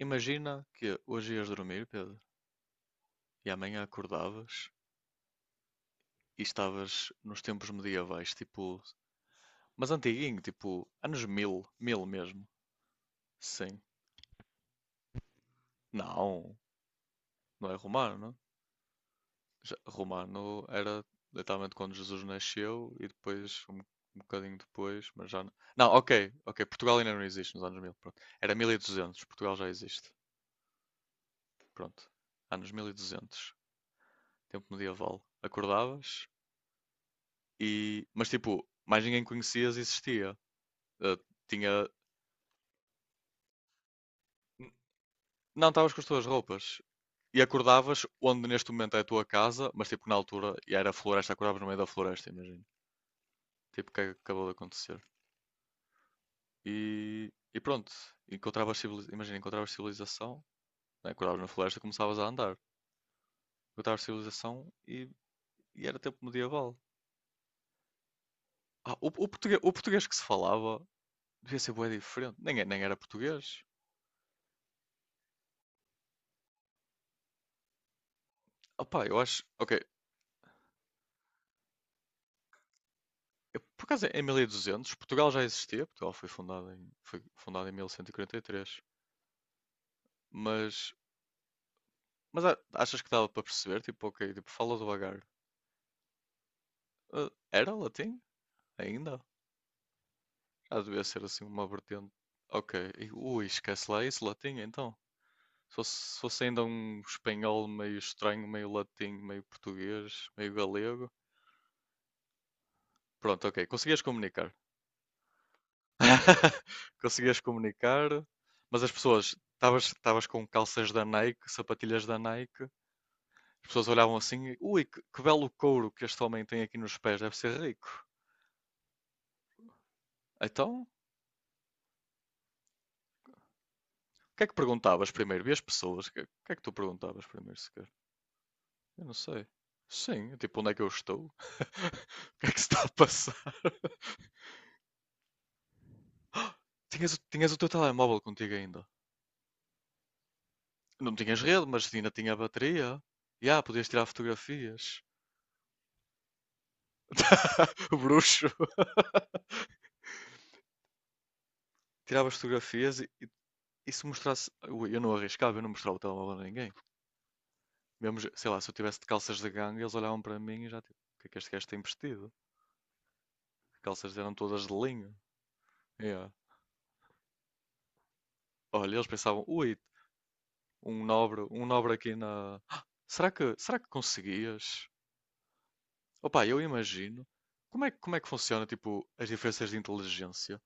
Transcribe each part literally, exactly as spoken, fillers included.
Imagina que hoje ias dormir, Pedro, e amanhã acordavas e estavas nos tempos medievais, tipo, mas antiguinho, tipo, anos mil, mil mesmo. Sim. Não, não é romano. Já- Romano era literalmente quando Jesus nasceu e depois, um, um bocadinho depois, mas já não. Não, ok, ok, Portugal ainda não existe nos anos mil, pronto. Era mil e duzentos, Portugal já existe. Pronto. Anos mil e duzentos, tempo medieval. Acordavas, e, mas tipo, mais ninguém conhecias e existia. Eh, tinha. Não estavas com as tuas roupas. E acordavas onde neste momento é a tua casa, mas tipo na altura e era floresta, acordavas no meio da floresta, imagina. Tipo, o que é que acabou de acontecer? E, e pronto, encontravas civili- imagina, encontravas civilização, né? Acordavas na floresta e começavas a andar. Encontravas civilização e, e era tempo medieval. Ah, o, o português, o português que se falava devia ser bué diferente. Nem, é- nem era português. Opá, eu acho. Ok, eu, por acaso, em mil e duzentos, Portugal já existia. Portugal foi fundado em, foi fundado em mil cento e quarenta e três, mas, mas a- achas que dava para perceber? Tipo, ok, tipo, fala devagar. Ah, era latim? Ainda? Já devia ser assim uma vertente. Ok, e- ui, esquece lá isso, latim então. Se fosse, se fosse ainda um espanhol meio estranho, meio latim, meio português, meio galego. Pronto, ok, conseguias comunicar. Conseguias comunicar, mas as pessoas, estavas estavas com calças da Nike, sapatilhas da Nike, as pessoas olhavam assim, e, ui, que, que belo couro que este homem tem aqui nos pés, deve ser rico. Então, o que é que perguntavas primeiro? E as pessoas, o que, que é que tu perguntavas primeiro sequer? Eu não sei. Sim, tipo, onde é que eu estou? O que é que se está a passar? Tinhas, o- tinhas o teu telemóvel contigo ainda. Não tinhas rede, mas ainda tinha bateria. E ah, podias tirar fotografias. O bruxo. Tirava as fotografias e, e se mostrasse. Eu eu não arriscava, eu não mostrava o telemóvel a ninguém. Mesmo, sei lá, se eu tivesse de calças de gangue, eles olhavam para mim e já tipo, o que é que este gajo tem vestido? As calças eram todas de linho. Yeah. Olha, eles pensavam, ui, um nobre, um nobre aqui na. Ah, será que, será que conseguias? Opa, eu imagino. Como é, que- como é que funciona, tipo, as diferenças de inteligência?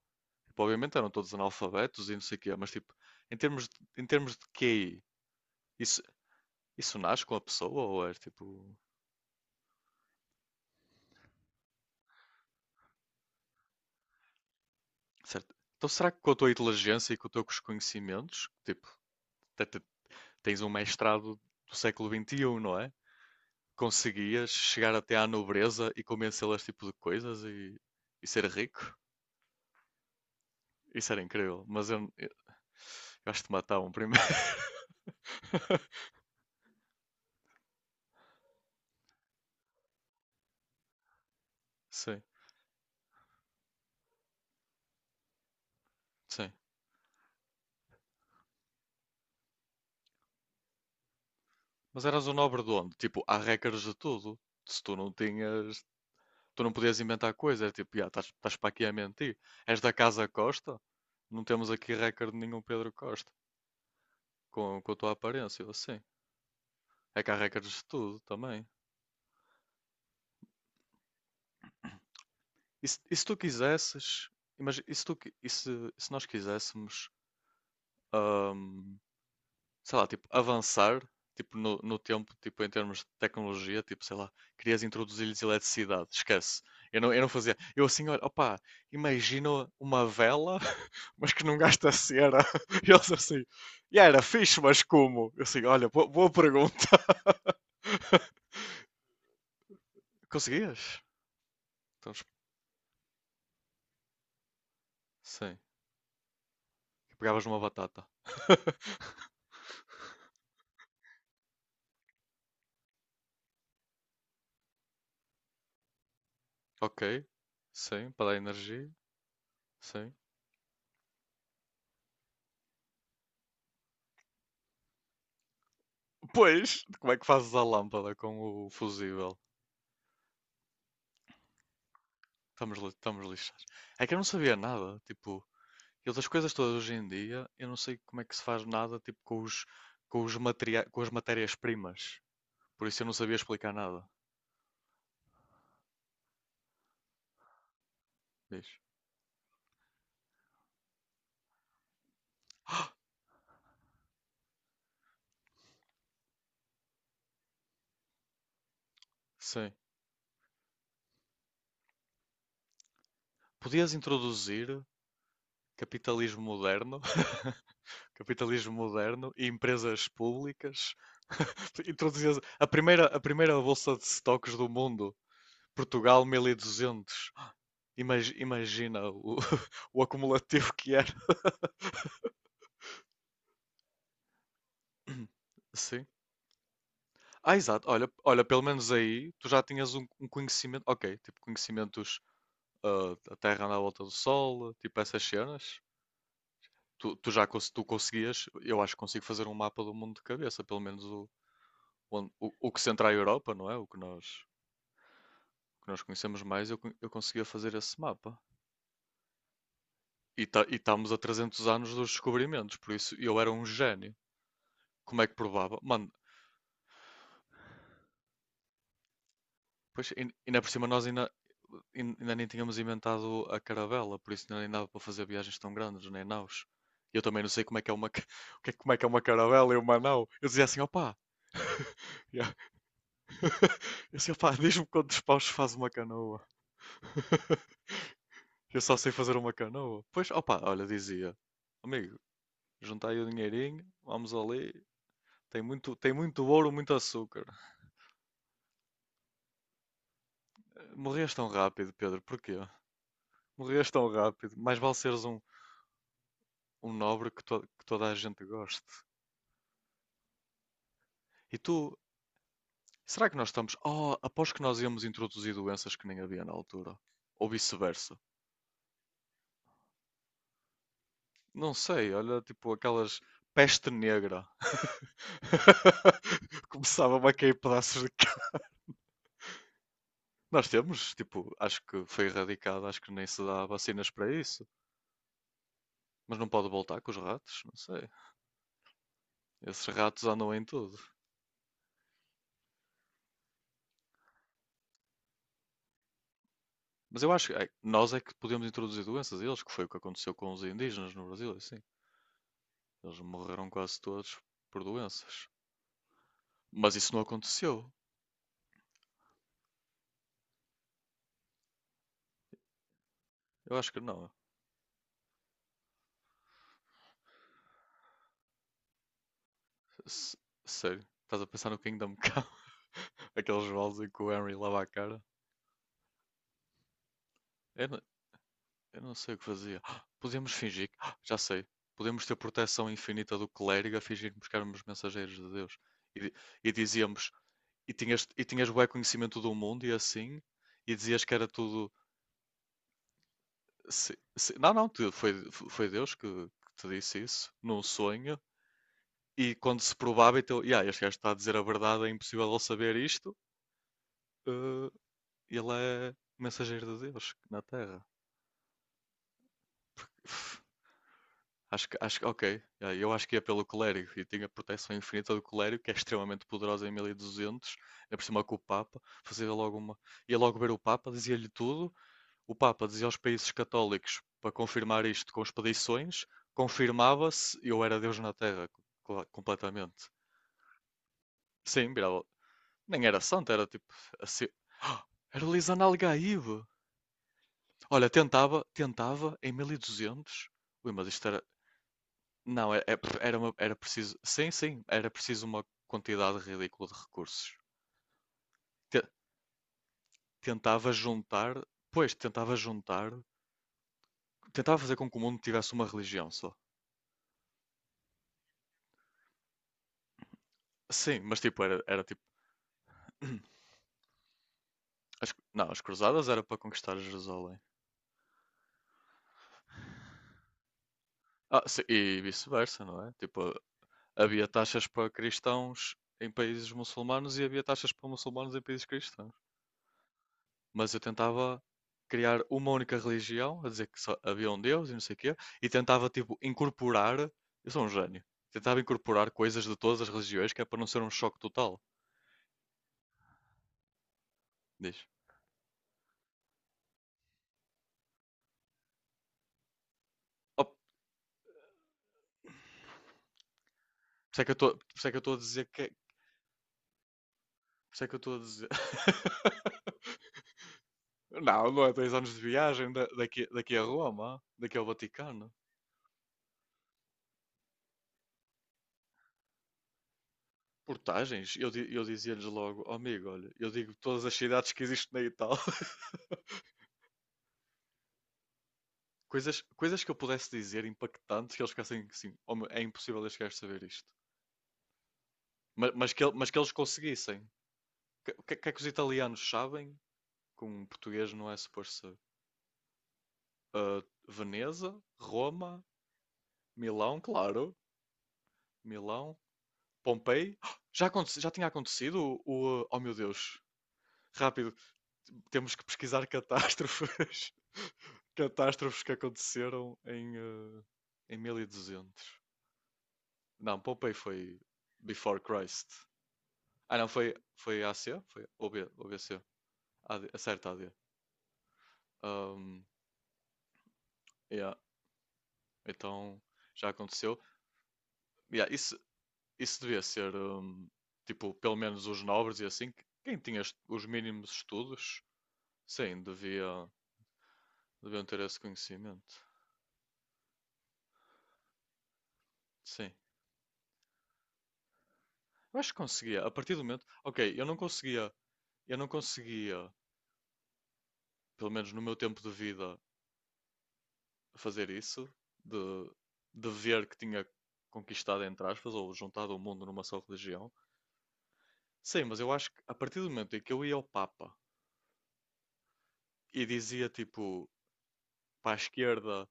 Tipo, obviamente eram todos analfabetos e não sei o quê, mas tipo, em termos de, em termos de Q I, isso, isso nasce com a pessoa ou é tipo. Certo? Então será que com a tua inteligência e com os teus conhecimentos, tipo, te- te- tens um mestrado do século vinte e um, não é? Conseguias chegar até à nobreza e convencê-las tipo de coisas e, e ser rico? Isso era incrível, mas eu, eu, eu acho que te matavam primeiro. Sim, sim. Mas eras um nobre de onde? Tipo, há regras de tudo. Se tu não tinhas. Tu não podias inventar coisas, era tipo, "Ya, estás estás para aqui a mentir. És da Casa Costa? Não temos aqui recorde de nenhum Pedro Costa, com, com a tua aparência, ou assim." É que há recordes de tudo também. E se, e se tu quisesses, imagina, e se, tu, qui- e se, e se nós quiséssemos, ahm, sei lá, tipo, avançar, tipo, no, no tempo, tipo, em termos de tecnologia, tipo, sei lá, querias introduzir-lhes eletricidade, esquece. Eu não, eu não fazia. Eu assim, olha, opá, imagino uma vela, mas que não gasta cera. E eles assim, e era fixe, mas como? Eu assim, olha, boa, boa pergunta. Conseguias? Então, sim, pegavas numa batata. Ok. Sim, para dar energia. Sim. Pois, como é que fazes a lâmpada com o fusível? Estamos, li- estamos lixados. É que eu não sabia nada, tipo, eu das coisas todas hoje em dia, eu não sei como é que se faz nada, tipo, com os, com os materia, com as matérias-primas. Por isso eu não sabia explicar nada. Diz. Sim. Podias introduzir capitalismo moderno. Capitalismo moderno e empresas públicas. Introduzia a primeira, a primeira bolsa de stocks do mundo. Portugal mil e duzentos. Imag- imagina o, o acumulativo que era. Sim. Ah, exato. Olha, olha, pelo menos aí tu já tinhas um, um conhecimento. Ok, tipo conhecimentos ah, da Terra na volta do Sol, tipo essas cenas. Tu, tu já cons- tu conseguias, eu acho que consigo fazer um mapa do mundo de cabeça, pelo menos o, onde- o, o que centra a Europa, não é? O que nós. Que nós conhecemos mais, eu, con- eu conseguia fazer esse mapa. E, tá, e estamos a trezentos anos dos descobrimentos, por isso eu era um gênio. Como é que provava? Mano, pois, e ainda por cima nós ainda, ain- ainda nem tínhamos inventado a caravela, por isso ainda nem dava para fazer viagens tão grandes, nem naus. E eu também não sei como é que é uma, ca- o que é- como é que é uma caravela e uma nau. Eu dizia assim, opá, yeah. Eu dizia, opá, diz-me quantos paus faz uma canoa. Eu só sei fazer uma canoa. Pois, opá, olha, dizia, amigo, juntai o dinheirinho, vamos ali, tem muito, tem muito ouro, muito açúcar. Eh, morrias tão rápido, Pedro, porquê? Morrias tão rápido. Mais vale seres um, um nobre que, to- que toda a gente goste. E tu, será que nós estamos. Oh, após que nós íamos introduzir doenças que nem havia na altura. Ou vice-versa. Não sei, olha, tipo aquelas. Peste negra. Começava a cair pedaços de carne. Nós temos, tipo, acho que foi erradicado, acho que nem se dá vacinas para isso. Mas não pode voltar com os ratos, não sei. Esses ratos andam em tudo. Mas eu acho que ai, nós é que podemos introduzir doenças a eles, que foi o que aconteceu com os indígenas no Brasil, é assim. Eles morreram quase todos por doenças. Mas isso não aconteceu. Eu acho que não. S- Sério. Estás a pensar no Kingdom Come? Aqueles baldes em que o Henry lava a cara? Eu não, eu não sei o que fazia. Ah, podemos fingir que... ah, já sei. Podemos ter proteção infinita do clérigo a fingirmos que éramos mensageiros de Deus. E, di- e dizíamos... E tinhas, e tinhas bué conhecimento do mundo e assim... E dizias que era tudo. Se, se- não, não, te- foi, foi Deus que, que te disse isso num sonho. E quando se provava, então, yeah, este gajo está a dizer a verdade, é impossível ele saber isto. Eh, ele é mensageiro de Deus na Terra. Uf, acho que, acho que, ok, yeah, eu acho que ia pelo clérigo e tinha a proteção infinita do clérigo, que é extremamente poderosa em mil e duzentos. É por cima com o Papa, fazia logo uma, ia logo ver o Papa, dizia-lhe tudo. O Papa dizia aos países católicos para confirmar isto com expedições, confirmava-se e eu era Deus na Terra, cla- completamente. Sim, virava. Nem era santo, era tipo assim. Ah, era Lisan Algaíbe. Olha, tentava, tentava em mil e duzentos. Ui, mas isto era. Não, é- é- era, uma- era preciso. Sim, sim, era preciso uma quantidade ridícula de recursos. Te- tentava juntar. Pois, tentava juntar. Tentava fazer com que o mundo tivesse uma religião só. Sim, mas tipo, era, era tipo. As- não, as cruzadas era para conquistar Jerusalém. Ah, sim, e vice-versa, não é? Tipo, havia taxas para cristãos em países muçulmanos e havia taxas para muçulmanos em países cristãos. Mas eu tentava criar uma única religião, a dizer que só havia um Deus e não sei o quê, e tentava, tipo, incorporar. Eu sou um gênio. Tentava incorporar coisas de todas as religiões, que é para não ser um choque total. Diz. Oh, por isso é que eu estou a dizer que é. Por isso é que eu estou a dizer. Não, não é dois anos de viagem da- daqui, daqui a Roma, daqui ao Vaticano. Portagens. Eu, di- eu dizia-lhes logo, "Oh, amigo, olha, eu digo todas as cidades que existem na Itália." Coisas, coisas que eu pudesse dizer impactantes que eles ficassem assim, "Oh, meu, é impossível este gajo saber isto." mas Mas, que, ele- mas que eles conseguissem. Que- O que, é- que é que os italianos sabem? Que um português não é suposto saber. Ah, Veneza, Roma, Milão, claro. Milão, Pompei. Já, aconte- já tinha acontecido o, o, ah, oh meu Deus! Rápido, temos que pesquisar catástrofes, catástrofes que aconteceram em, eh, em mil e duzentos. Não, Pompei foi before Christ. Ah, não, foi, foi AC? Foi O B OB, OBC. AD, acerta AD. Um, yeah, então já aconteceu. Yeah, isso, isso devia ser, um, tipo, pelo menos os nobres e assim, que- quem tinha os mínimos estudos, sim, devia, deviam ter esse conhecimento. Sim. Eu acho que conseguia, a partir do momento. Ok, eu não conseguia, eu não conseguia, pelo menos no meu tempo de vida, fazer isso, de, de ver que tinha conquistado, entre aspas, ou juntado o mundo numa só religião. Sim, mas eu acho que a partir do momento em que eu ia ao Papa e dizia, tipo, para a esquerda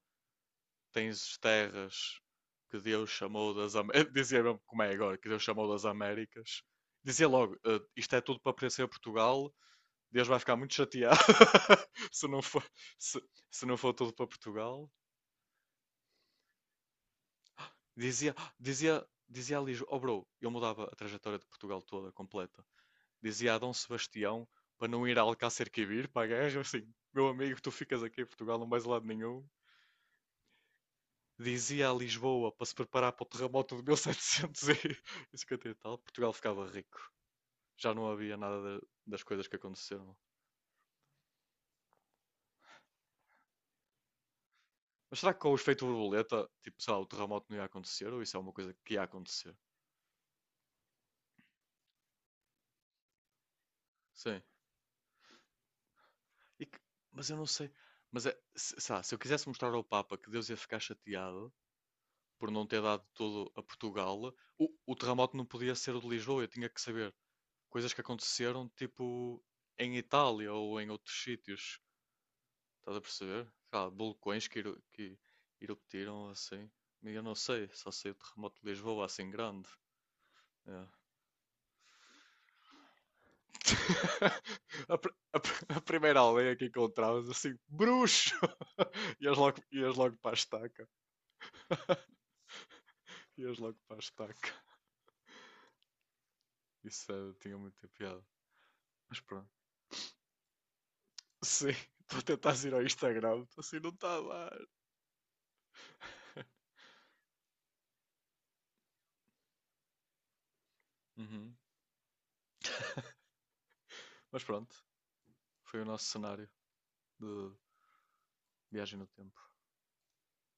tens terras que Deus chamou das Américas, dizia mesmo como é agora, que Deus chamou das Américas, dizia logo, "Eh, isto é tudo para pertencer a Portugal. Deus vai ficar muito chateado se, não for, se, se não for todo para Portugal." Dizia, dizia, dizia a Lijo, oh bro, eu mudava a trajetória de Portugal toda, completa. Dizia a Dom Sebastião para não ir a Alcácer Quibir para a guerra, assim, meu amigo, tu ficas aqui em Portugal, não vais a lado nenhum. Dizia a Lisboa para se preparar para o terremoto de mil setecentos e cinquenta e cinquenta e tal, Portugal ficava rico. Já não havia nada de- das coisas que aconteceram. Mas será que com o efeito borboleta, tipo, sei lá, o terremoto não ia acontecer? Ou isso é uma coisa que ia acontecer? Sim. E que- mas eu não sei. Mas é, se, sabe, se eu quisesse mostrar ao Papa que Deus ia ficar chateado por não ter dado tudo a Portugal, o, o terremoto não podia ser o de Lisboa. Eu tinha que saber coisas que aconteceram, tipo, em Itália ou em outros sítios. Estás a perceber? Cá, vulcões que, eru- que eruptaram assim. Eu não sei, só sei o terremoto de Lisboa assim grande. É. A, pr- a pr- a primeira aldeia que encontrávamos, assim, bruxo! Ias, logo, ias logo para a estaca. Ias logo para a estaca. Isso eh, tinha muita piada. Mas pronto. Sim, estou a tentar ir ao Instagram, assim, não está a dar. Uhum. Mas pronto, foi o nosso cenário de viagem no tempo.